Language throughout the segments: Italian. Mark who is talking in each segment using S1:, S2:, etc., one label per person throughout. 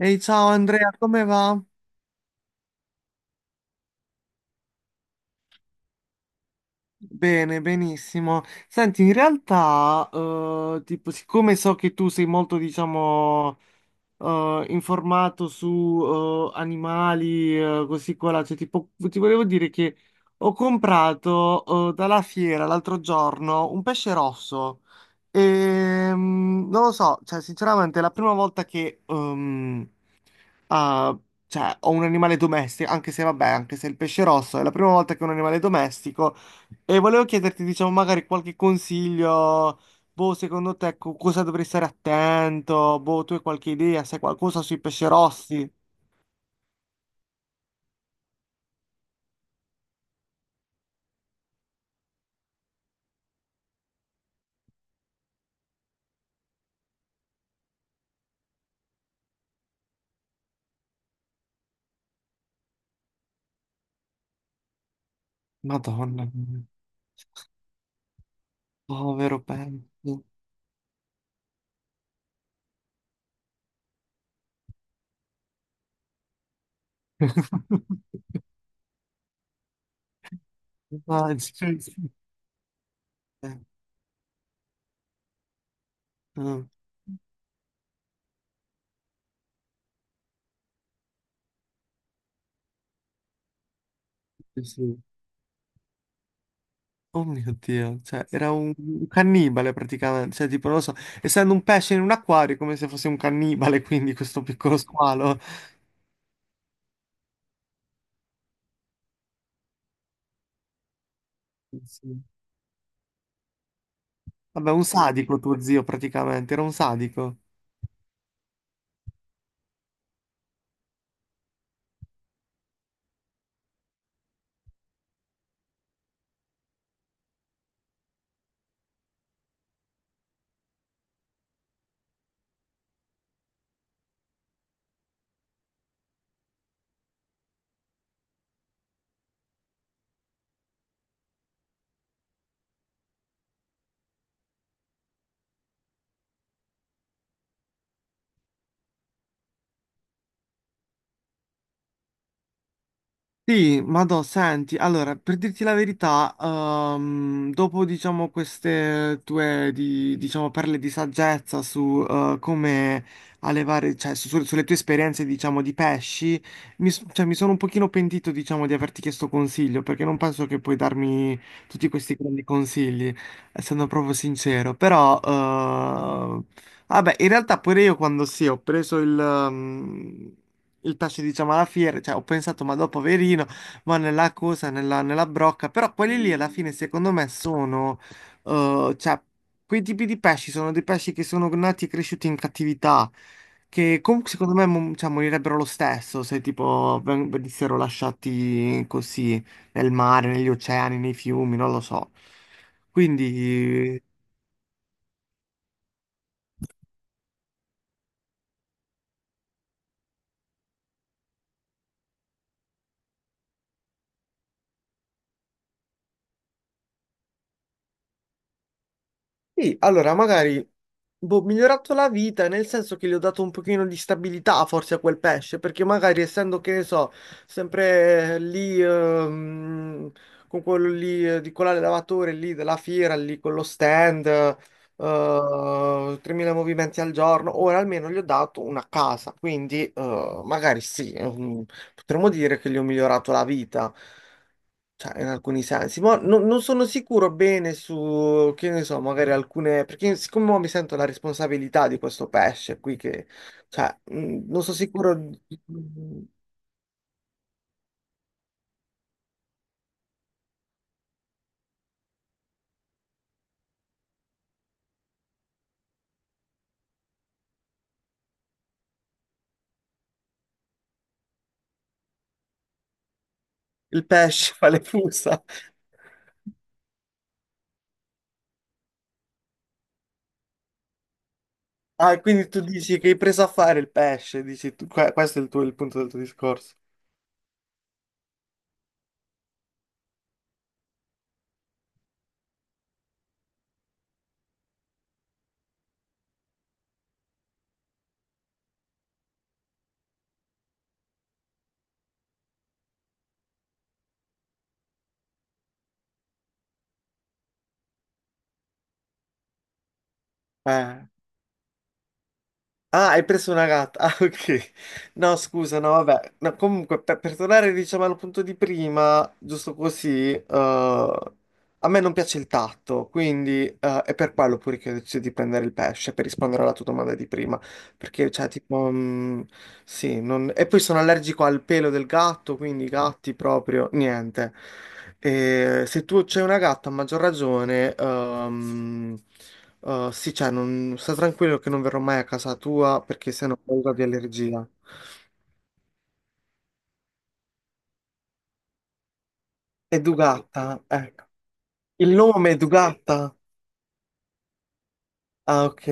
S1: Ehi, ciao Andrea, come va? Bene, benissimo. Senti, in realtà, tipo, siccome so che tu sei molto, diciamo, informato su animali, così qua, là, cioè, tipo, ti volevo dire che ho comprato dalla fiera l'altro giorno un pesce rosso. E, non lo so, cioè, sinceramente, è la prima volta che Ah, cioè, ho un animale domestico, anche se vabbè, anche se il pesce rosso è la prima volta che ho un animale domestico. E volevo chiederti, diciamo, magari qualche consiglio. Boh, secondo te cosa dovrei stare attento? Boh, tu hai qualche idea? Sai qualcosa sui pesci rossi? Madonna, mia, povero pesce. Immagino. Eh, eh, sì. Sì. Oh mio Dio, cioè era un cannibale praticamente, cioè tipo non lo so, essendo un pesce in un acquario è come se fosse un cannibale, quindi questo piccolo squalo. Sì. Sì. Vabbè, un sadico tuo zio praticamente, era un sadico. Sì, Madò, senti, allora, per dirti la verità, dopo, diciamo, queste tue, diciamo, perle di saggezza su come allevare, cioè, sulle tue esperienze, diciamo, di pesci, mi, cioè, mi sono un pochino pentito, diciamo, di averti chiesto consiglio, perché non penso che puoi darmi tutti questi grandi consigli, essendo proprio sincero, però, vabbè, in realtà pure io quando sì, ho preso il tasso diciamo alla fiera, cioè ho pensato ma dopo poverino, va nella cosa, nella, nella brocca, però quelli lì alla fine secondo me sono, cioè quei tipi di pesci sono dei pesci che sono nati e cresciuti in cattività, che comunque secondo me cioè, morirebbero lo stesso se tipo venissero lasciati così nel mare, negli oceani, nei fiumi, non lo so. Quindi sì, allora magari boh, ho migliorato la vita nel senso che gli ho dato un pochino di stabilità forse a quel pesce, perché magari essendo che ne so, sempre lì con quello lì di quell'allevatore lì della fiera, lì con lo stand, 3000 movimenti al giorno, ora almeno gli ho dato una casa, quindi magari sì, potremmo dire che gli ho migliorato la vita. Cioè, in alcuni sensi, ma non sono sicuro bene su, che ne so, magari alcune, perché siccome mo mi sento la responsabilità di questo pesce qui che, cioè, non sono sicuro Il pesce fa le fusa. Ah, quindi tu dici che hai preso a fare il pesce, dici tu, questo è il tuo, il punto del tuo discorso. Eh. Ah, hai preso una gatta. Ah, ok. No, scusa, no, vabbè. No, comunque, per tornare, diciamo, al punto di prima, giusto così, a me non piace il tatto, quindi è per quello pure che ho deciso di prendere il pesce, per rispondere alla tua domanda di prima. Perché, cioè, tipo, sì, e poi sono allergico al pelo del gatto, quindi i gatti proprio, niente. E se tu c'hai una gatta, a maggior ragione, sì, cioè, non... sta tranquillo che non verrò mai a casa tua, perché sennò ho paura di allergia. E Dugatta, ecco. Il nome è Dugatta? Ah, ok.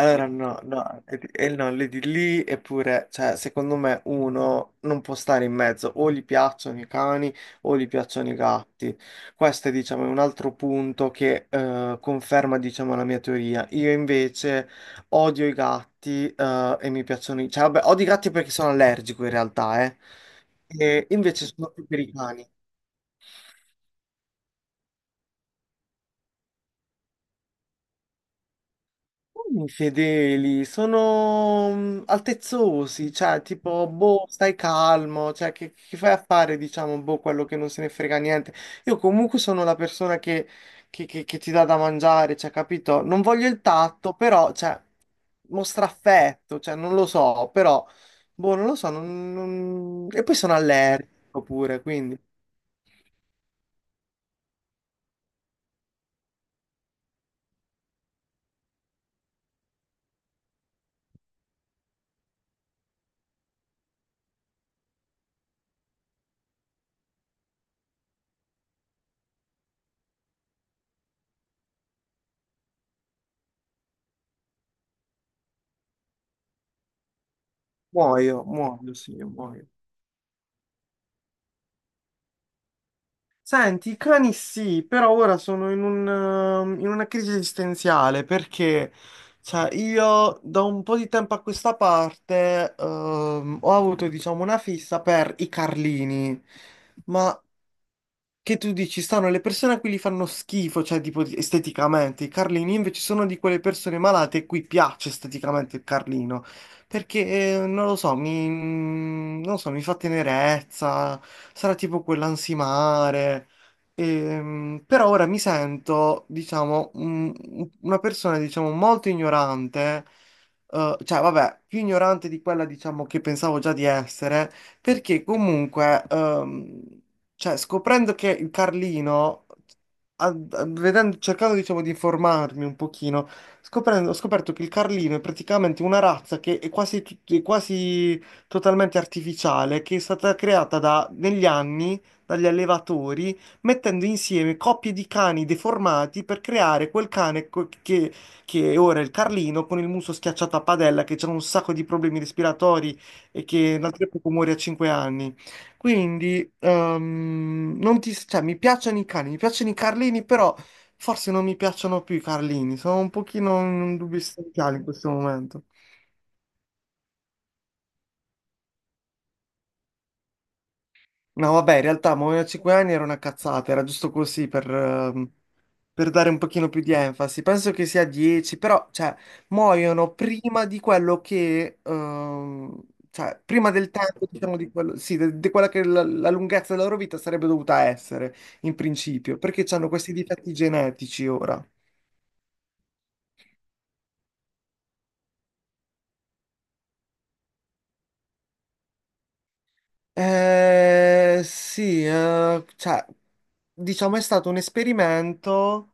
S1: Allora, no, no, e no, le di lì, eppure, cioè, secondo me uno non può stare in mezzo, o gli piacciono i cani o gli piacciono i gatti. Questo è, diciamo, un altro punto che conferma, diciamo, la mia teoria. Io invece odio i gatti e mi piacciono i... Cioè, vabbè, odio i gatti perché sono allergico in realtà, eh. E invece sono più per i cani. Infedeli, sono altezzosi, cioè tipo, boh, stai calmo, cioè che fai a fare, diciamo, boh, quello che non se ne frega niente. Io comunque sono la persona che, che ti dà da mangiare, cioè, capito? Non voglio il tatto, però, cioè, mostra affetto, cioè, non lo so, però, boh, non lo so, e poi sono allergico pure, quindi muoio, muoio, sì, muoio. Senti, i cani sì, però ora sono in un, in una crisi esistenziale perché cioè, io da un po' di tempo a questa parte ho avuto diciamo una fissa per i Carlini, ma che tu dici, stanno le persone a cui gli fanno schifo, cioè tipo esteticamente, i Carlini invece sono di quelle persone malate a cui piace esteticamente il Carlino, perché non lo so, mi, non lo so, mi fa tenerezza, sarà tipo quell'ansimare, però ora mi sento, diciamo, una persona, diciamo, molto ignorante, cioè vabbè, più ignorante di quella, diciamo, che pensavo già di essere, perché comunque... cioè, scoprendo che il Carlino, cercando diciamo di informarmi un pochino, ho scoperto che il Carlino è praticamente una razza che è quasi, totalmente artificiale, che è stata creata negli anni dagli allevatori, mettendo insieme coppie di cani deformati per creare quel cane che, è ora il Carlino con il muso schiacciato a padella, che ha un sacco di problemi respiratori e che l'altro muore a 5 anni. Quindi, non ti, cioè, mi piacciono i cani, mi piacciono i Carlini, però forse non mi piacciono più i Carlini, sono un pochino in un dubbio esistenziale in questo momento. No, vabbè, in realtà muoiono a 5 anni era una cazzata, era giusto così per dare un pochino più di enfasi. Penso che sia 10, però, cioè, muoiono prima di quello che, cioè, prima del tempo, diciamo, di quello, sì, di quella che la lunghezza della loro vita sarebbe dovuta essere, in principio, perché hanno questi difetti genetici ora. Sì, cioè, diciamo è stato un esperimento.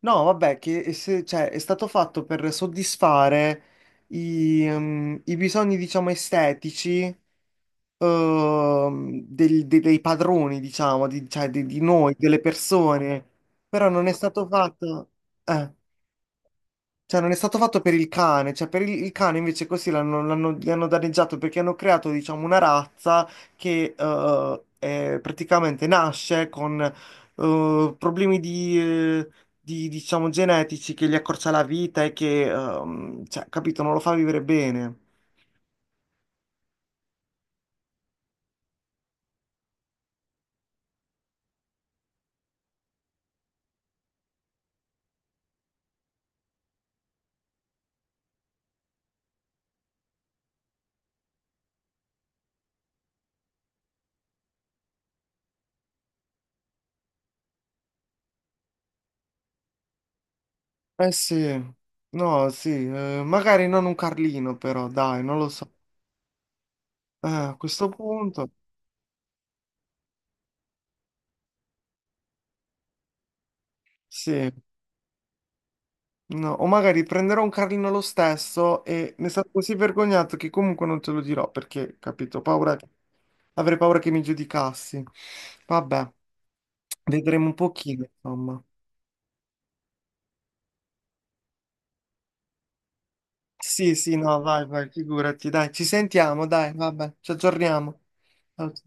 S1: No, vabbè, che cioè, è stato fatto per soddisfare i bisogni, diciamo, estetici, dei padroni, diciamo, di, cioè, di noi, delle persone, però non è stato fatto... eh. Cioè, non è stato fatto per il cane, cioè per il cane invece così l'hanno, gli hanno danneggiato perché hanno creato, diciamo, una razza che praticamente nasce con problemi di, diciamo, genetici che gli accorcia la vita e che, cioè, capito, non lo fa vivere bene. Eh sì, no, sì, magari non un Carlino però, dai, non lo so. A questo punto, sì. No, o magari prenderò un carlino lo stesso e ne sarò così vergognato che comunque non te lo dirò perché, capito, avrei paura che mi giudicassi. Vabbè, vedremo un pochino, insomma. Sì, sì, no, vai, vai, figurati, dai, ci sentiamo, dai, vabbè, ci aggiorniamo. Ciao,